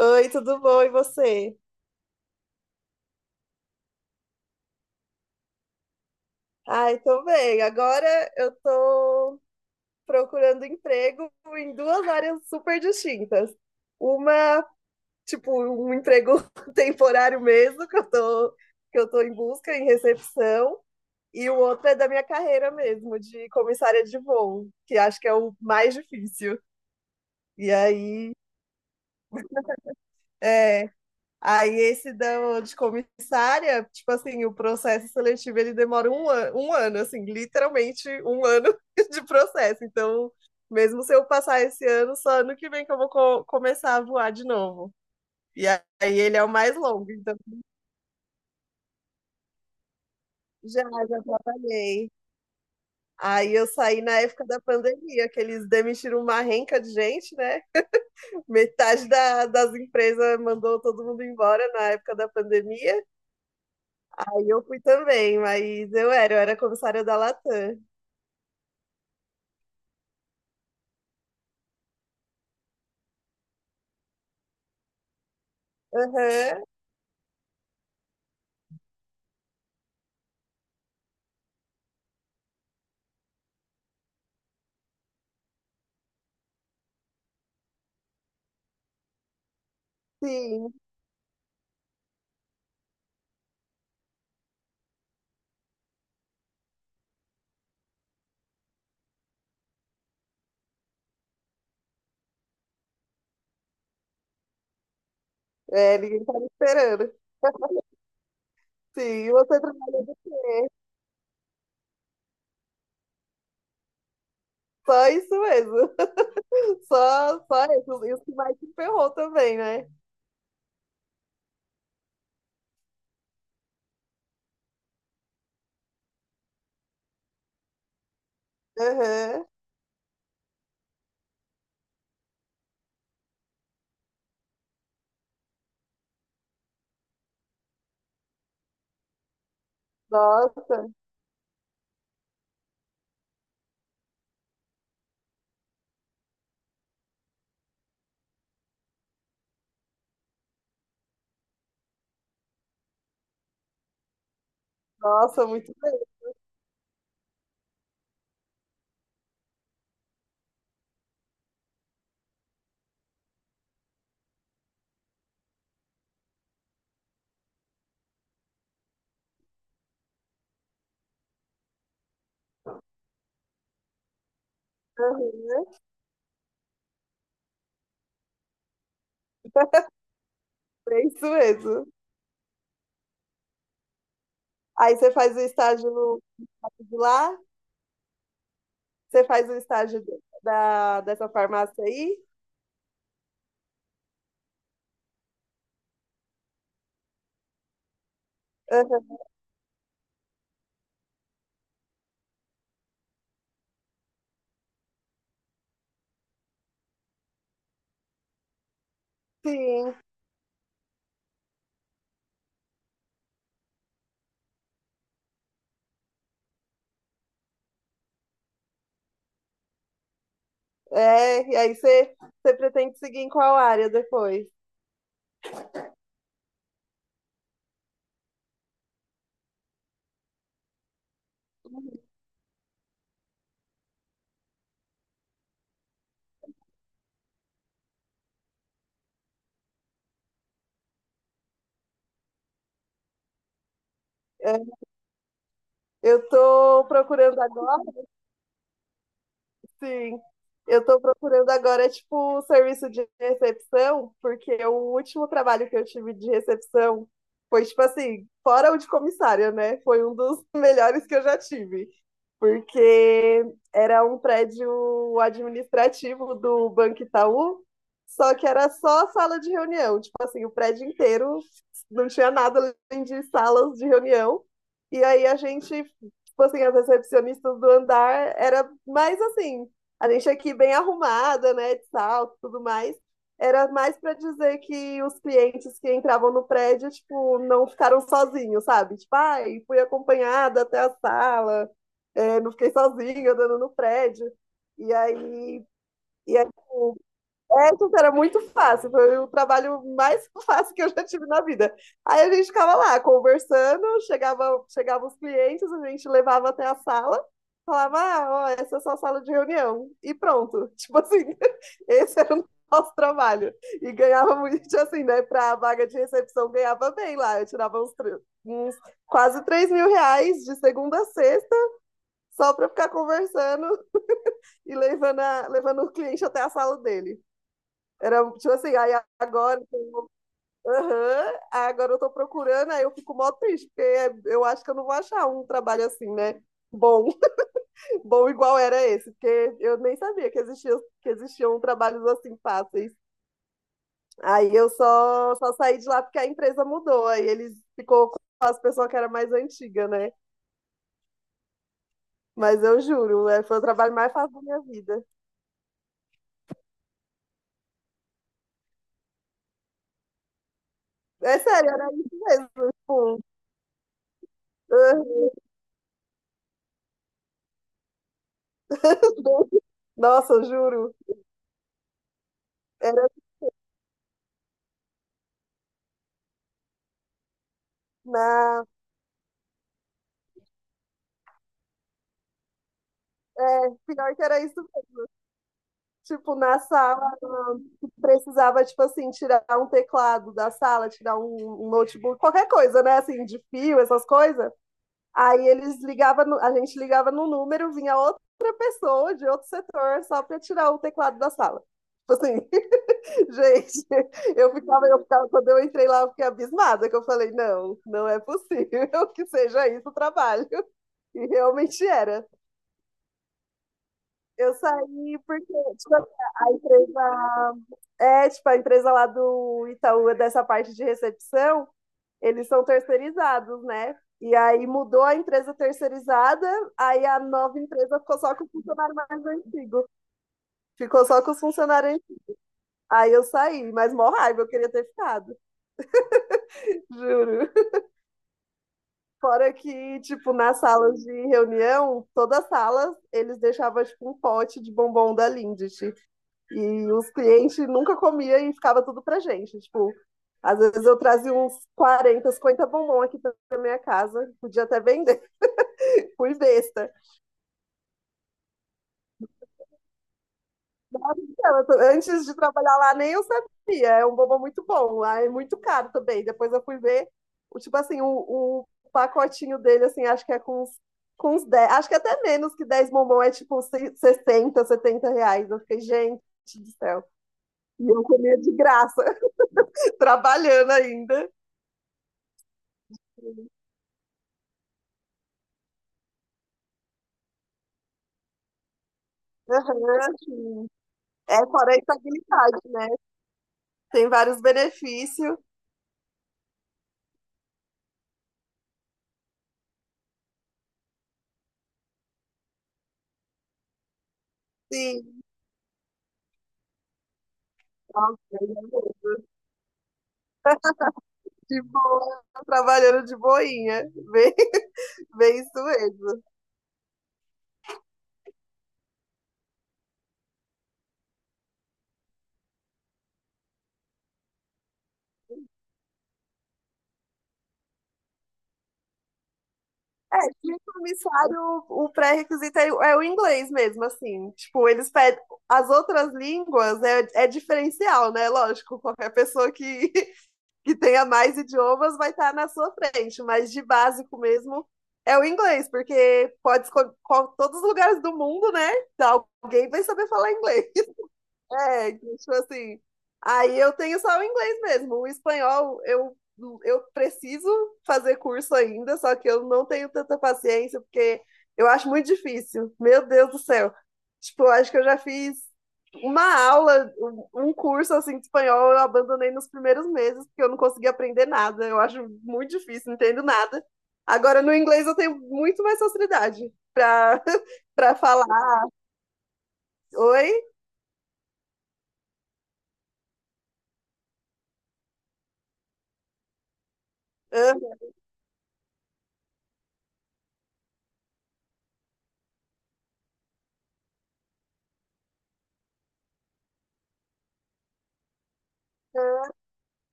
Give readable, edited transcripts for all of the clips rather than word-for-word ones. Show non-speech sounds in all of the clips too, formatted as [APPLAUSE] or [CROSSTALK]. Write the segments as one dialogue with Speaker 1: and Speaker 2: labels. Speaker 1: Oi, tudo bom? E você? Ai, tô bem. Agora eu tô procurando emprego em duas áreas super distintas. Uma, tipo, um emprego [LAUGHS] temporário mesmo, que eu tô em busca, em recepção, e o outro é da minha carreira mesmo, de comissária de voo, que acho que é o mais difícil. E aí, é. Aí esse da de comissária, tipo assim, o processo seletivo ele demora um ano, assim, literalmente um ano [LAUGHS] de processo. Então, mesmo se eu passar esse ano, só ano que vem que eu vou começar a voar de novo. E aí ele é o mais longo, então já trabalhei. Aí eu saí na época da pandemia, que eles demitiram uma renca de gente, né? Metade das empresas mandou todo mundo embora na época da pandemia. Aí eu fui também, eu era comissária da Latam. Aham, sim. É, ninguém tá esperando. Sim, e você trabalhou do quê? Só isso mesmo. [LAUGHS] Só isso. Isso que mais te ferrou também, né? Aham. Nossa, nossa, muito bem. Aham. É isso mesmo. Aí você faz o estágio no, lá, você faz o estágio dessa farmácia aí? Aham. Sim. É, e aí você, você pretende seguir em qual área depois? É, eu tô procurando agora. Sim, eu tô procurando agora, é, tipo, serviço de recepção, porque o último trabalho que eu tive de recepção foi, tipo assim, fora o de comissária, né? Foi um dos [LAUGHS] melhores que eu já tive, porque era um prédio administrativo do Banco Itaú, só que era só sala de reunião, tipo assim, o prédio inteiro não tinha nada além de salas de reunião, e aí a gente, tipo assim, as recepcionistas do andar era mais assim, a gente aqui bem arrumada, né, de salto, tudo mais. Era mais para dizer que os clientes que entravam no prédio, tipo, não ficaram sozinhos, sabe? Tipo, ai, fui acompanhada até a sala, é, não fiquei sozinha andando no prédio. E aí, e essa era muito fácil, foi o trabalho mais [LAUGHS] fácil que eu já tive na vida. Aí a gente ficava lá conversando, chegava os clientes, a gente levava até a sala, falava, ah, ó, essa é a sua sala de reunião, e pronto. [LAUGHS] Tipo assim, [LAUGHS] esse era o nosso trabalho. E ganhava muito, [LAUGHS] assim, né, para a vaga de recepção, ganhava bem lá, eu tirava uns quase 3.000 reais de segunda a sexta, só para ficar conversando e levando, levando o cliente até a sala dele. Era tipo assim, aí agora, aham, aí agora eu tô procurando, aí eu fico mó triste, porque eu acho que eu não vou achar um trabalho assim, né? Bom, [LAUGHS] bom igual era esse, porque eu nem sabia que existia, que existiam trabalhos assim fáceis. Aí só saí de lá porque a empresa mudou, aí eles ficou com as pessoas que era mais antiga, né? Mas eu juro, é, foi o trabalho mais fácil da minha vida. É sério, era isso mesmo. Tipo, aham. [LAUGHS] Nossa, eu juro. Era, não, pior que era isso, tipo, na sala, tu precisava, tipo assim, tirar um teclado da sala, tirar um notebook, qualquer coisa, né, assim, de fio, essas coisas. Aí eles ligavam, a gente ligava no número, vinha outra pessoa de outro setor só pra tirar o teclado da sala. Tipo assim, [LAUGHS] gente, eu ficava, quando eu entrei lá, eu fiquei abismada, que eu falei, não, não é possível [LAUGHS] que seja isso o trabalho. E realmente era. Eu saí porque, tipo, a empresa. É, tipo, a empresa lá do Itaú, dessa parte de recepção, eles são terceirizados, né? E aí mudou a empresa terceirizada, aí a nova empresa ficou só com o funcionário mais antigo. Ficou só com os funcionários antigos. Aí eu saí, mas mó raiva, eu queria ter ficado, [LAUGHS] juro. Fora que, tipo, nas salas de reunião, todas as salas, eles deixavam, tipo, um pote de bombom da Lindt. E os clientes nunca comia e ficava tudo pra gente. Tipo, às vezes eu trazia uns 40, 50 bombom aqui pra minha casa, podia até vender, [LAUGHS] fui besta. Antes de trabalhar lá, nem eu sabia, é um bombom muito bom, lá é muito caro também. Depois eu fui ver, o, tipo assim, o pacotinho dele, assim, acho que é com uns 10, acho que até menos que 10 bombom, é tipo 60, 70 reais. Eu fiquei, gente do céu. E eu comia de graça, [LAUGHS] trabalhando ainda. Aham, sim. É, fora a estabilidade, né? Tem vários benefícios. Sim. Nossa, eu já vi. De boa, trabalhando de boinha. Bem, [LAUGHS] bem isso mesmo. É, de comissário, o pré-requisito é, é o inglês mesmo, assim. Tipo, eles pedem. As outras línguas é, é diferencial, né? Lógico, qualquer pessoa que [LAUGHS] que tenha mais idiomas vai estar na sua frente, mas de básico mesmo é o inglês, porque pode escolher todos os lugares do mundo, né? Alguém vai saber falar inglês. É, então, tipo assim. Aí eu tenho só o inglês mesmo. O espanhol eu preciso fazer curso ainda, só que eu não tenho tanta paciência, porque eu acho muito difícil. Meu Deus do céu. Tipo, eu acho que eu já fiz uma aula, um curso assim de espanhol, eu abandonei nos primeiros meses, porque eu não consegui aprender nada. Eu acho muito difícil, não entendo nada. Agora, no inglês, eu tenho muito mais facilidade para [LAUGHS] para falar. Oi? Aham.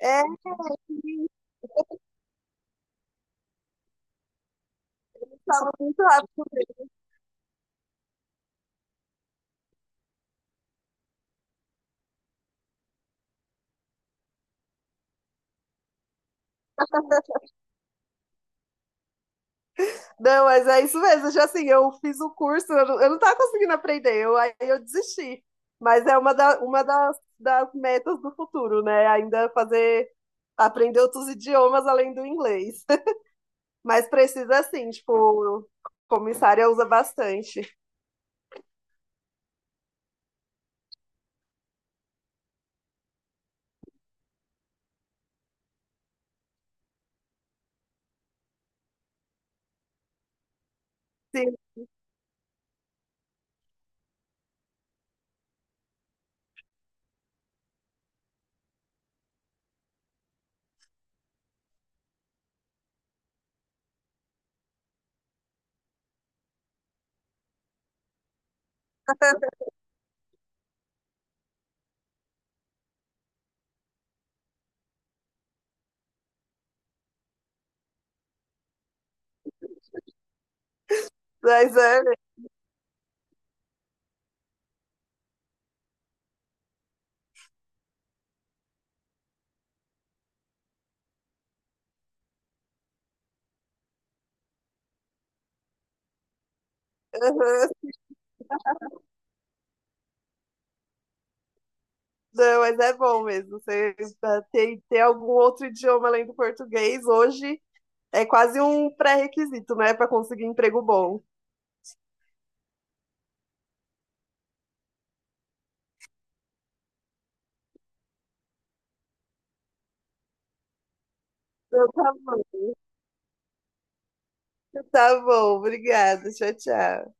Speaker 1: É, fala muito rápido. Não, mas é isso mesmo. Já assim, eu fiz o curso, eu não tava conseguindo aprender, eu, aí eu desisti. Mas é uma, uma das metas do futuro, né? Ainda fazer, aprender outros idiomas além do inglês. [LAUGHS] Mas precisa assim, tipo, comissária usa bastante. Sim, [LAUGHS] mas é, aham. Não, mas é bom mesmo. Você ter algum outro idioma além do português hoje é quase um pré-requisito, né, para conseguir emprego bom. Então, tá bom, obrigada, tchau, tchau.